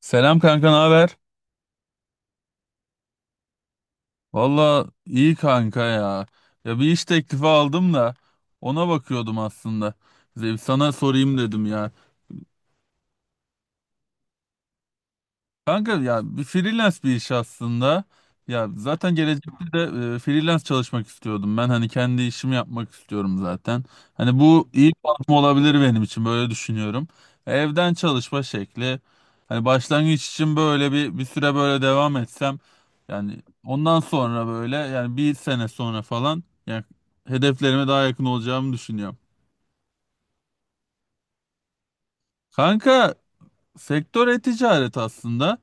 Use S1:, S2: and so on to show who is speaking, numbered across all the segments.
S1: Selam kanka, ne haber? Valla iyi kanka ya. Ya bir iş teklifi aldım da ona bakıyordum aslında. Size bir Sana sorayım dedim ya. Kanka ya bir freelance bir iş aslında. Ya zaten gelecekte de freelance çalışmak istiyordum. Ben hani kendi işimi yapmak istiyorum zaten. Hani bu iyi bir adım olabilir benim için böyle düşünüyorum. Evden çalışma şekli. Hani başlangıç için böyle bir süre böyle devam etsem yani ondan sonra böyle yani bir sene sonra falan yani hedeflerime daha yakın olacağımı düşünüyorum. Kanka sektör e-ticaret aslında.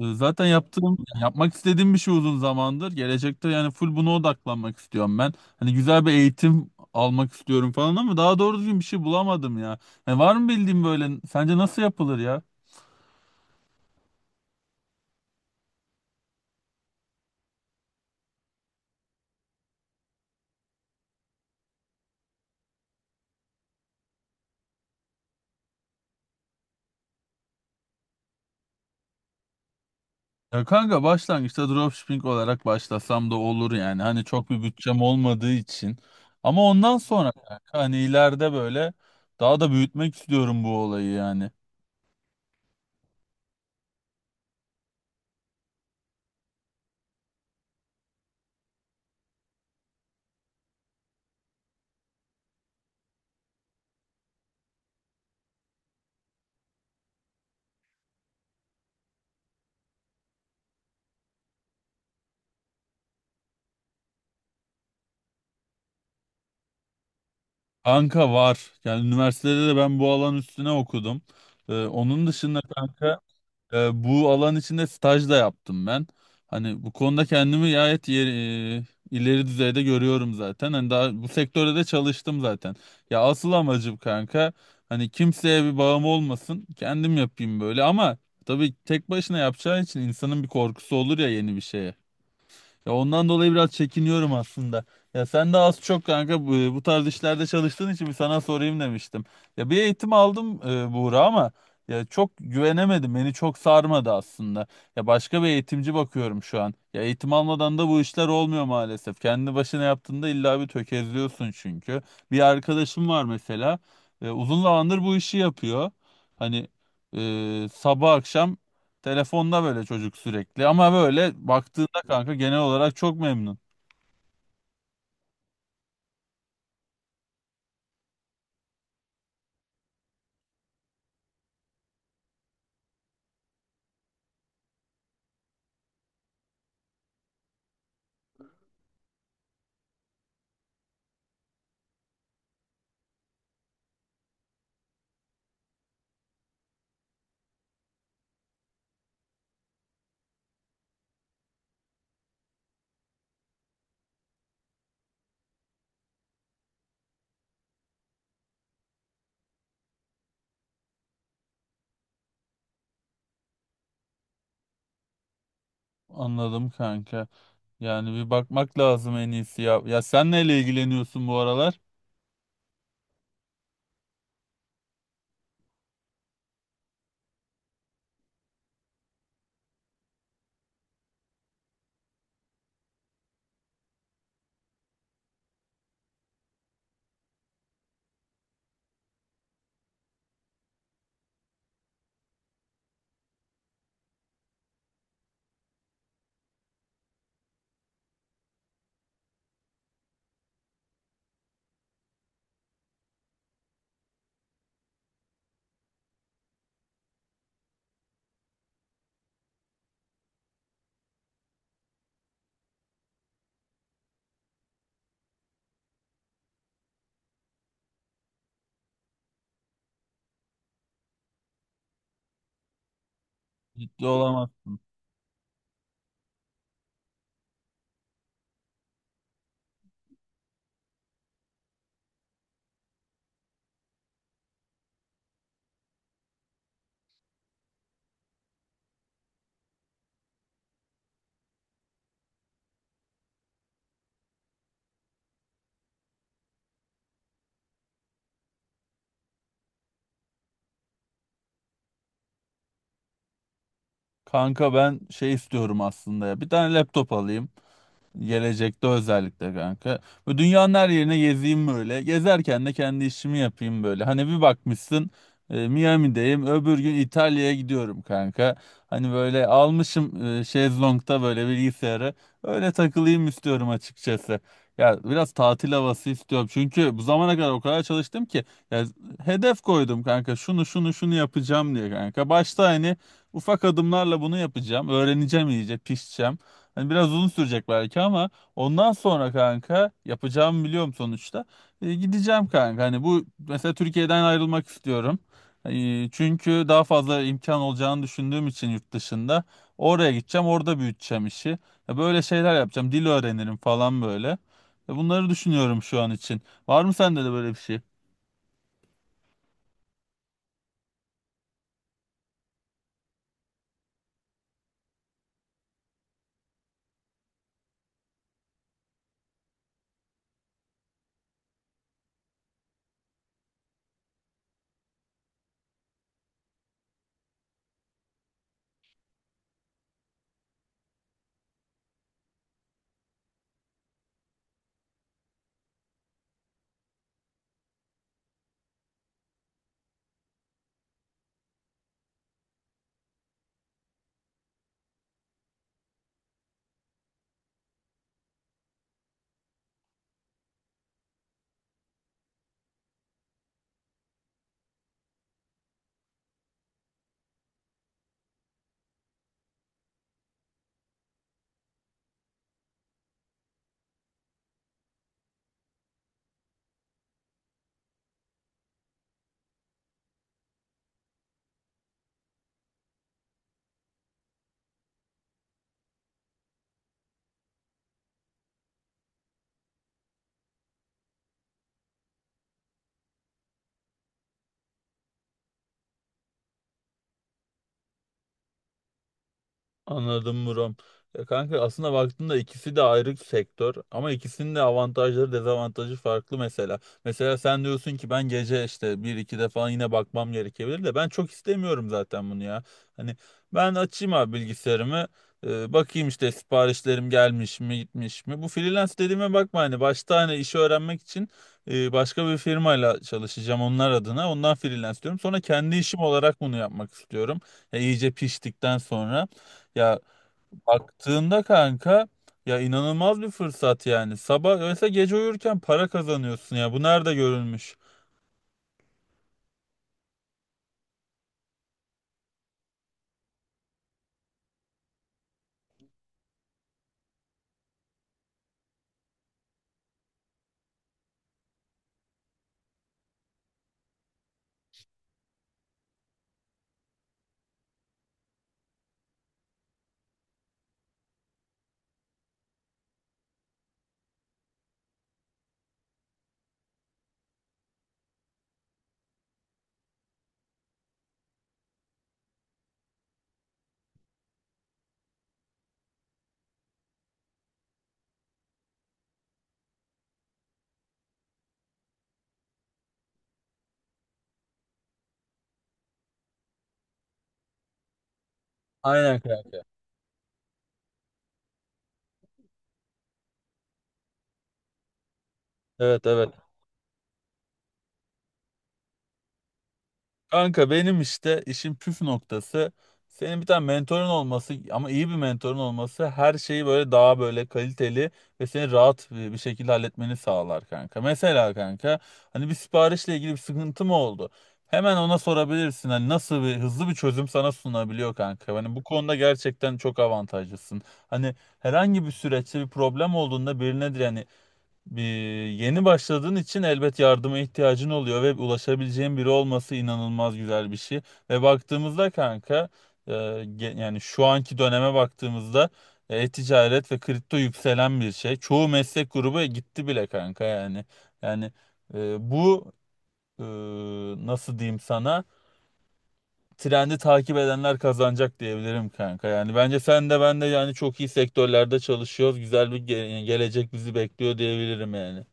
S1: Zaten yaptığım, yani yapmak istediğim bir şey uzun zamandır. Gelecekte yani full buna odaklanmak istiyorum ben. Hani güzel bir eğitim almak istiyorum falan ama daha doğru düzgün bir şey bulamadım ya. Yani var mı bildiğin böyle, sence nasıl yapılır ya? Ya kanka başlangıçta dropshipping olarak başlasam da olur yani. Hani çok bir bütçem olmadığı için. Ama ondan sonra kanka hani ileride böyle daha da büyütmek istiyorum bu olayı yani. Kanka var. Yani üniversitede de ben bu alan üstüne okudum. Onun dışında kanka bu alan içinde staj da yaptım ben. Hani bu konuda kendimi gayet ileri düzeyde görüyorum zaten. Hani daha bu sektörde de çalıştım zaten. Ya asıl amacım kanka hani kimseye bir bağım olmasın. Kendim yapayım böyle ama tabii tek başına yapacağı için insanın bir korkusu olur ya yeni bir şeye. Ya ondan dolayı biraz çekiniyorum aslında. Ya sen de az çok kanka bu tarz işlerde çalıştığın için bir sana sorayım demiştim. Ya bir eğitim aldım Buğra ama ya çok güvenemedim. Beni çok sarmadı aslında. Ya başka bir eğitimci bakıyorum şu an. Ya eğitim almadan da bu işler olmuyor maalesef. Kendi başına yaptığında illa bir tökezliyorsun çünkü. Bir arkadaşım var mesela. Uzun zamandır bu işi yapıyor. Hani sabah akşam telefonda böyle çocuk sürekli ama böyle baktığında kanka genel olarak çok memnun. Anladım kanka. Yani bir bakmak lazım en iyisi ya. Ya sen neyle ilgileniyorsun bu aralar? Ciddi olamaz. Kanka ben şey istiyorum aslında ya. Bir tane laptop alayım. Gelecekte özellikle kanka. Böyle dünyanın her yerine gezeyim böyle. Gezerken de kendi işimi yapayım böyle. Hani bir bakmışsın Miami'deyim. Öbür gün İtalya'ya gidiyorum kanka. Hani böyle almışım şezlongta böyle bilgisayarı. Öyle takılayım istiyorum açıkçası. Ya biraz tatil havası istiyorum. Çünkü bu zamana kadar o kadar çalıştım ki. Ya hedef koydum kanka. Şunu şunu şunu yapacağım diye kanka. Başta hani ufak adımlarla bunu yapacağım. Öğreneceğim iyice, pişeceğim. Hani biraz uzun sürecek belki ama ondan sonra kanka yapacağımı biliyorum sonuçta. Gideceğim kanka. Hani bu mesela Türkiye'den ayrılmak istiyorum. Çünkü daha fazla imkan olacağını düşündüğüm için yurt dışında oraya gideceğim, orada büyüteceğim işi. Ya böyle şeyler yapacağım. Dil öğrenirim falan böyle. Bunları düşünüyorum şu an için. Var mı sende de böyle bir şey? Anladım Murat. Ya kanka aslında baktığında ikisi de ayrı sektör ama ikisinin de avantajları dezavantajı farklı mesela. Mesela sen diyorsun ki ben gece işte bir iki de falan yine bakmam gerekebilir de ben çok istemiyorum zaten bunu ya. Hani ben açayım abi bilgisayarımı bakayım işte siparişlerim gelmiş mi gitmiş mi. Bu freelance dediğime bakma hani başta hani işi öğrenmek için başka bir firmayla çalışacağım onlar adına ondan freelance diyorum. Sonra kendi işim olarak bunu yapmak istiyorum. Ya iyice piştikten sonra. Ya baktığında kanka ya inanılmaz bir fırsat yani. Sabah mesela gece uyurken para kazanıyorsun ya. Bu nerede görülmüş? Aynen kanka. Evet, evet. Kanka benim işte işin püf noktası senin bir tane mentorun olması ama iyi bir mentorun olması her şeyi böyle daha böyle kaliteli ve seni rahat bir şekilde halletmeni sağlar kanka. Mesela kanka hani bir siparişle ilgili bir sıkıntı mı oldu? Hemen ona sorabilirsin hani nasıl bir hızlı bir çözüm sana sunabiliyor kanka. Hani bu konuda gerçekten çok avantajlısın. Hani herhangi bir süreçte bir problem olduğunda birine diren bir, yeni başladığın için elbet yardıma ihtiyacın oluyor ve ulaşabileceğin biri olması inanılmaz güzel bir şey. Ve baktığımızda kanka yani şu anki döneme baktığımızda e-ticaret ve kripto yükselen bir şey. Çoğu meslek grubu gitti bile kanka yani. Yani bu e, nasıl diyeyim sana trendi takip edenler kazanacak diyebilirim kanka. Yani bence sen de ben de yani çok iyi sektörlerde çalışıyoruz. Güzel bir gelecek bizi bekliyor diyebilirim yani.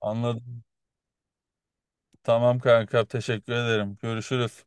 S1: Anladım. Tamam kanka teşekkür ederim. Görüşürüz.